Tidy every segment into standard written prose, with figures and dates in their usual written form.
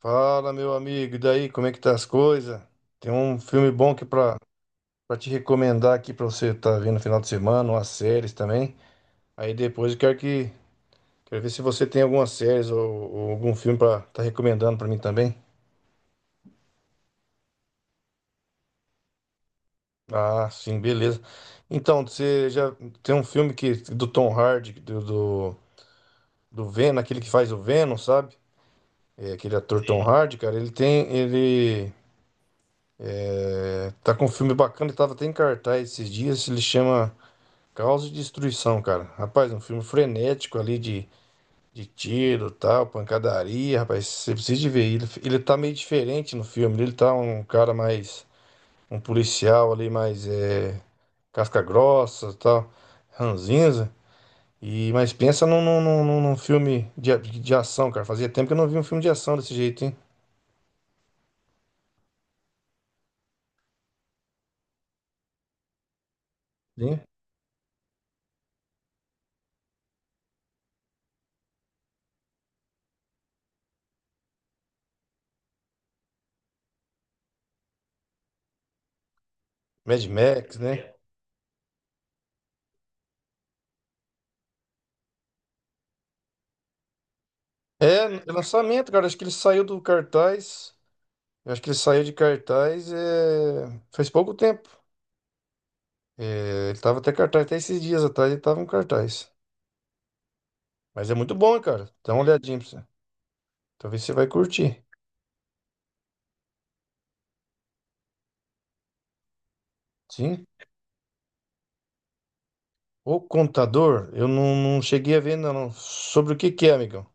Fala, meu amigo, e daí, como é que tá as coisas? Tem um filme bom aqui pra te recomendar aqui pra você tá vendo no final de semana, umas séries também. Aí depois eu quero que quero ver se você tem algumas séries ou algum filme pra tá recomendando pra mim também. Ah, sim, beleza. Então, você já tem um filme que do Tom Hardy, do Venom, aquele que faz o Venom, sabe? É, aquele ator Tom, sim, Hardy, cara, ele tem, ele é, tá com um filme bacana, ele tava até em cartaz esses dias, ele chama Caos e destruição, cara. Rapaz, um filme frenético ali de tiro, tal, pancadaria, rapaz. Você precisa de ver. Ele tá meio diferente no filme. Ele tá um cara mais. Um policial ali mais. É, casca grossa, tal. Ranzinza. E, mas pensa num filme de ação, cara. Fazia tempo que eu não vi um filme de ação desse jeito, hein? Sim. Mad Max, né? É lançamento, cara. Acho que ele saiu do cartaz. Eu acho que ele saiu de cartaz, faz pouco tempo. É, ele tava até cartaz, até esses dias atrás ele tava um cartaz. Mas é muito bom, hein, cara. Dá uma olhadinha pra você. Talvez você vai curtir. Sim. O Contador, eu não cheguei a ver, não. Não. Sobre o que que é, amigão?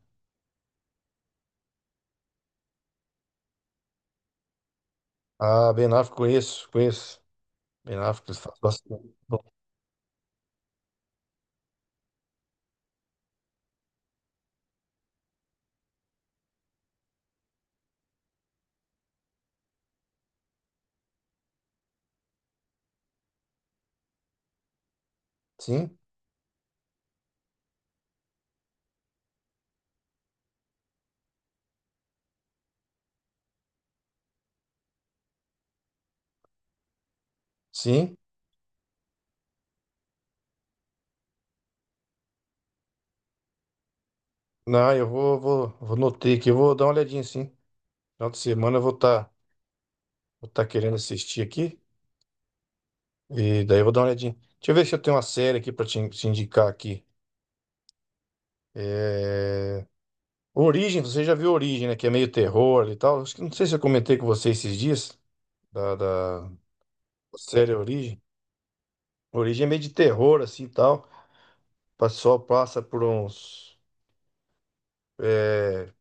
Ah, Ben Affleck, conheço, conheço. Ben Affleck, eles fazem bastante. Bom, sim, sim. Não, eu vou notei aqui, eu vou dar uma olhadinha, sim. Final de semana eu vou tá querendo assistir aqui. E daí eu vou dar uma olhadinha. Deixa eu ver se eu tenho uma série aqui pra te indicar aqui. É, Origem, você já viu Origem, né? Que é meio terror e tal. Acho que não sei se eu comentei com você esses dias da série Origem. Origem é meio de terror, assim e tal. O pessoal passa por uns.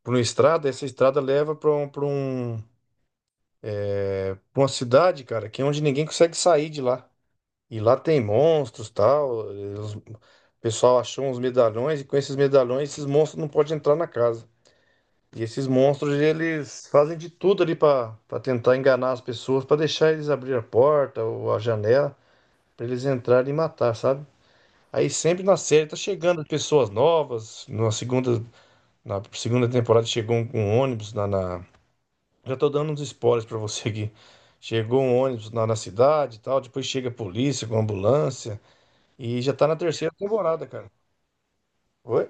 Por uma estrada, essa estrada leva pra uma cidade, cara, que é onde ninguém consegue sair de lá. E lá tem monstros, tal. E o pessoal achou uns medalhões, e com esses medalhões esses monstros não podem entrar na casa. E esses monstros, eles fazem de tudo ali para tentar enganar as pessoas, para deixar eles abrir a porta ou a janela, para eles entrarem e matar, sabe? Aí sempre na série tá chegando pessoas novas. Na segunda temporada chegou um ônibus Já tô dando uns spoilers para você aqui. Chegou um ônibus na cidade e tal, depois chega a polícia com ambulância. E já tá na terceira temporada, cara. Oi?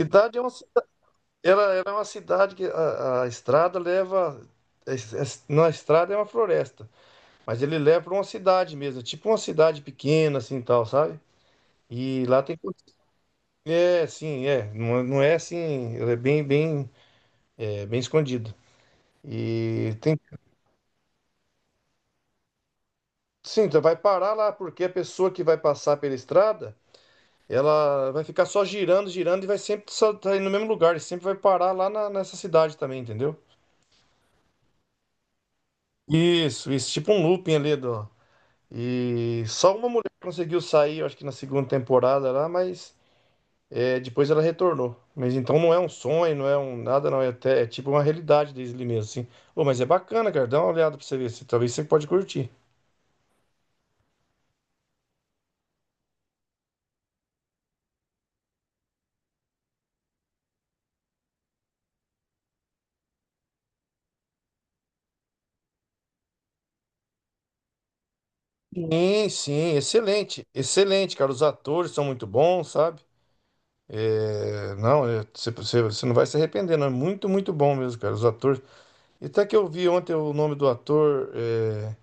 Cidade é uma, ela é uma cidade que a estrada leva. Na estrada é uma floresta, mas ele leva para uma cidade mesmo, é tipo uma cidade pequena, assim tal, sabe? E lá tem. É, sim, é. Não, não é assim, ela é bem escondido. E tem. Sim, então vai parar lá, porque a pessoa que vai passar pela estrada, ela vai ficar só girando, girando, e vai sempre só tá indo no mesmo lugar, e sempre vai parar lá nessa cidade também, entendeu? Isso, tipo um looping ali do. E só uma mulher conseguiu sair, eu acho que na segunda temporada lá, mas depois ela retornou. Mas então não é um sonho, não é um nada, não. É, até, é tipo uma realidade Disney mesmo, assim. Ô, mas é bacana, cara. Dá uma olhada pra você ver, se talvez você pode curtir. Sim, sim, excelente. Excelente, cara. Os atores são muito bons, sabe? É, não, você não vai se arrepender, não. É muito, muito bom mesmo, cara. Os atores. E até que eu vi ontem o nome do ator.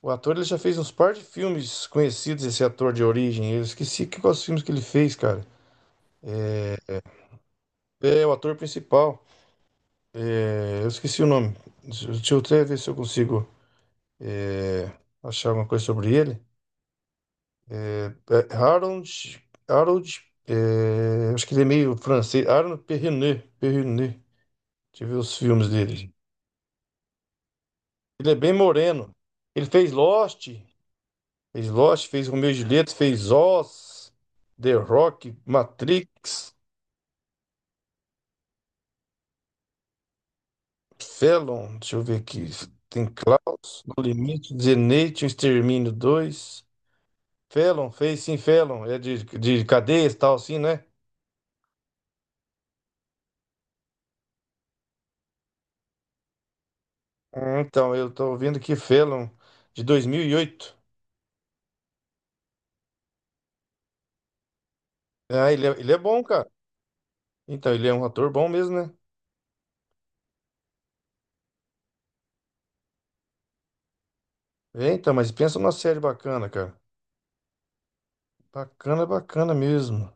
O ator ele já fez uns par de filmes conhecidos, esse ator de origem. Eu esqueci quais filmes que ele fez, cara. É o ator principal. É, eu esqueci o nome. Deixa eu até ver se eu consigo é, achar alguma coisa sobre ele. É, Harold. Harold. Acho que ele é meio francês. Harold Perrineau. Perrineau. Deixa eu ver os filmes dele. Ele é bem moreno. Ele fez Lost. Fez Lost, fez Romeo e Julieta, fez Oz, The Rock, Matrix. Felon, deixa eu ver aqui. Tem Klaus, No Limite, Zenith, O Extermínio 2. Felon, fez sim, Felon. É de cadeias e tal, assim, né? Então, eu tô vendo que Felon, de 2008. Ah, ele é bom, cara. Então, ele é um ator bom mesmo, né? É, então, mas pensa numa série bacana, cara. Bacana, bacana mesmo.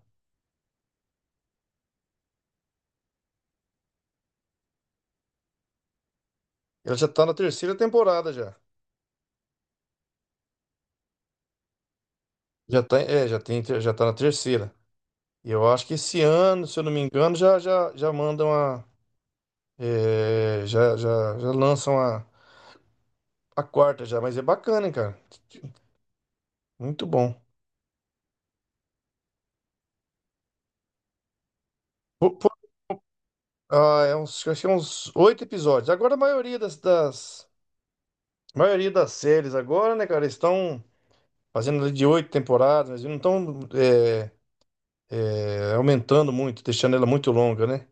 Ela já tá na terceira temporada já. Já tá na terceira. E eu acho que esse ano, se eu não me engano, já mandam a. É, já lançam a quarta já, mas é bacana, hein, cara. Muito bom. Po- po- ah, é uns, acho que é uns oito episódios. Agora a maioria das séries agora, né, cara, estão fazendo ali de oito temporadas, mas não estão aumentando muito, deixando ela muito longa, né?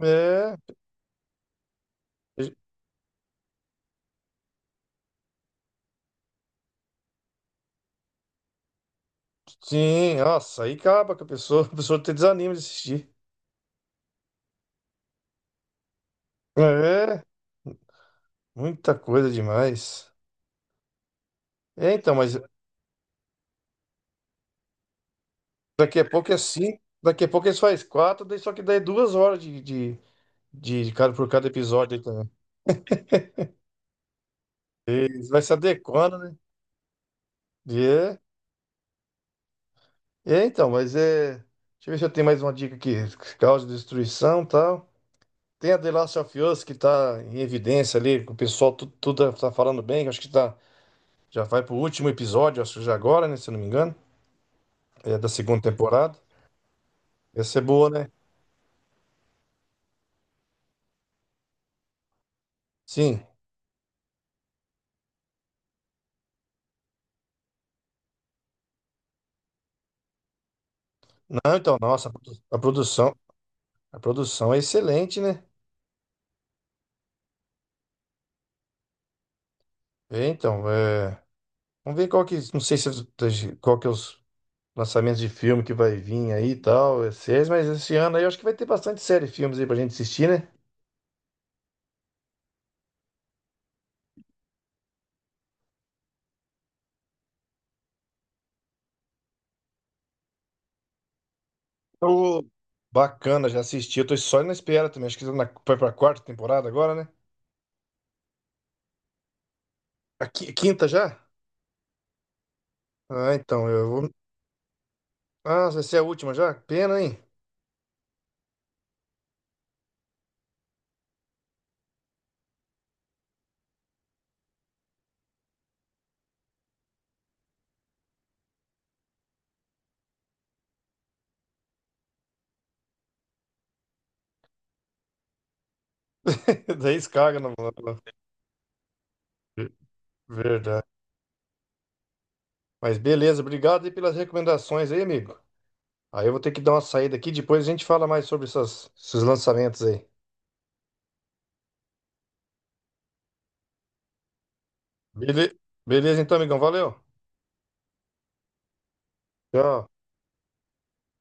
É, e- sim, nossa, aí acaba que a pessoa, a pessoa te desanima de assistir. É, muita coisa demais. É, então, mas daqui a pouco é cinco, daqui a pouco eles faz quatro, daí só que daí é 2 horas de cada, por cada episódio. Aí também. Eles vai se adequando, né? E então, mas é. Deixa eu ver se eu tenho mais uma dica aqui. Causa de destruição e tal. Tem a The Last of Us que tá em evidência ali, que o pessoal tudo, tudo tá falando bem. Que acho que tá, já vai pro último episódio, acho que já agora, né? Se eu não me engano. É da segunda temporada. Essa é boa, né? Sim. Não, então, nossa, a produção é excelente, né? É, então, é. Vamos ver qual que. Não sei se qual que é os lançamentos de filme que vai vir aí e tal, é séries, mas esse ano aí eu acho que vai ter bastante série e filmes aí pra gente assistir, né? Tô bacana, já assisti. Eu tô só na espera também. Acho que tá vai pra quarta temporada agora, né? A quinta já? Ah, então, eu vou. Ah, vai ser a última já? Pena, hein? Daí escaga na. Verdade. Mas beleza, obrigado aí pelas recomendações aí, amigo. Aí eu vou ter que dar uma saída aqui, depois a gente fala mais sobre esses lançamentos aí. Bele- Beleza, então, amigão. Valeu. Tchau.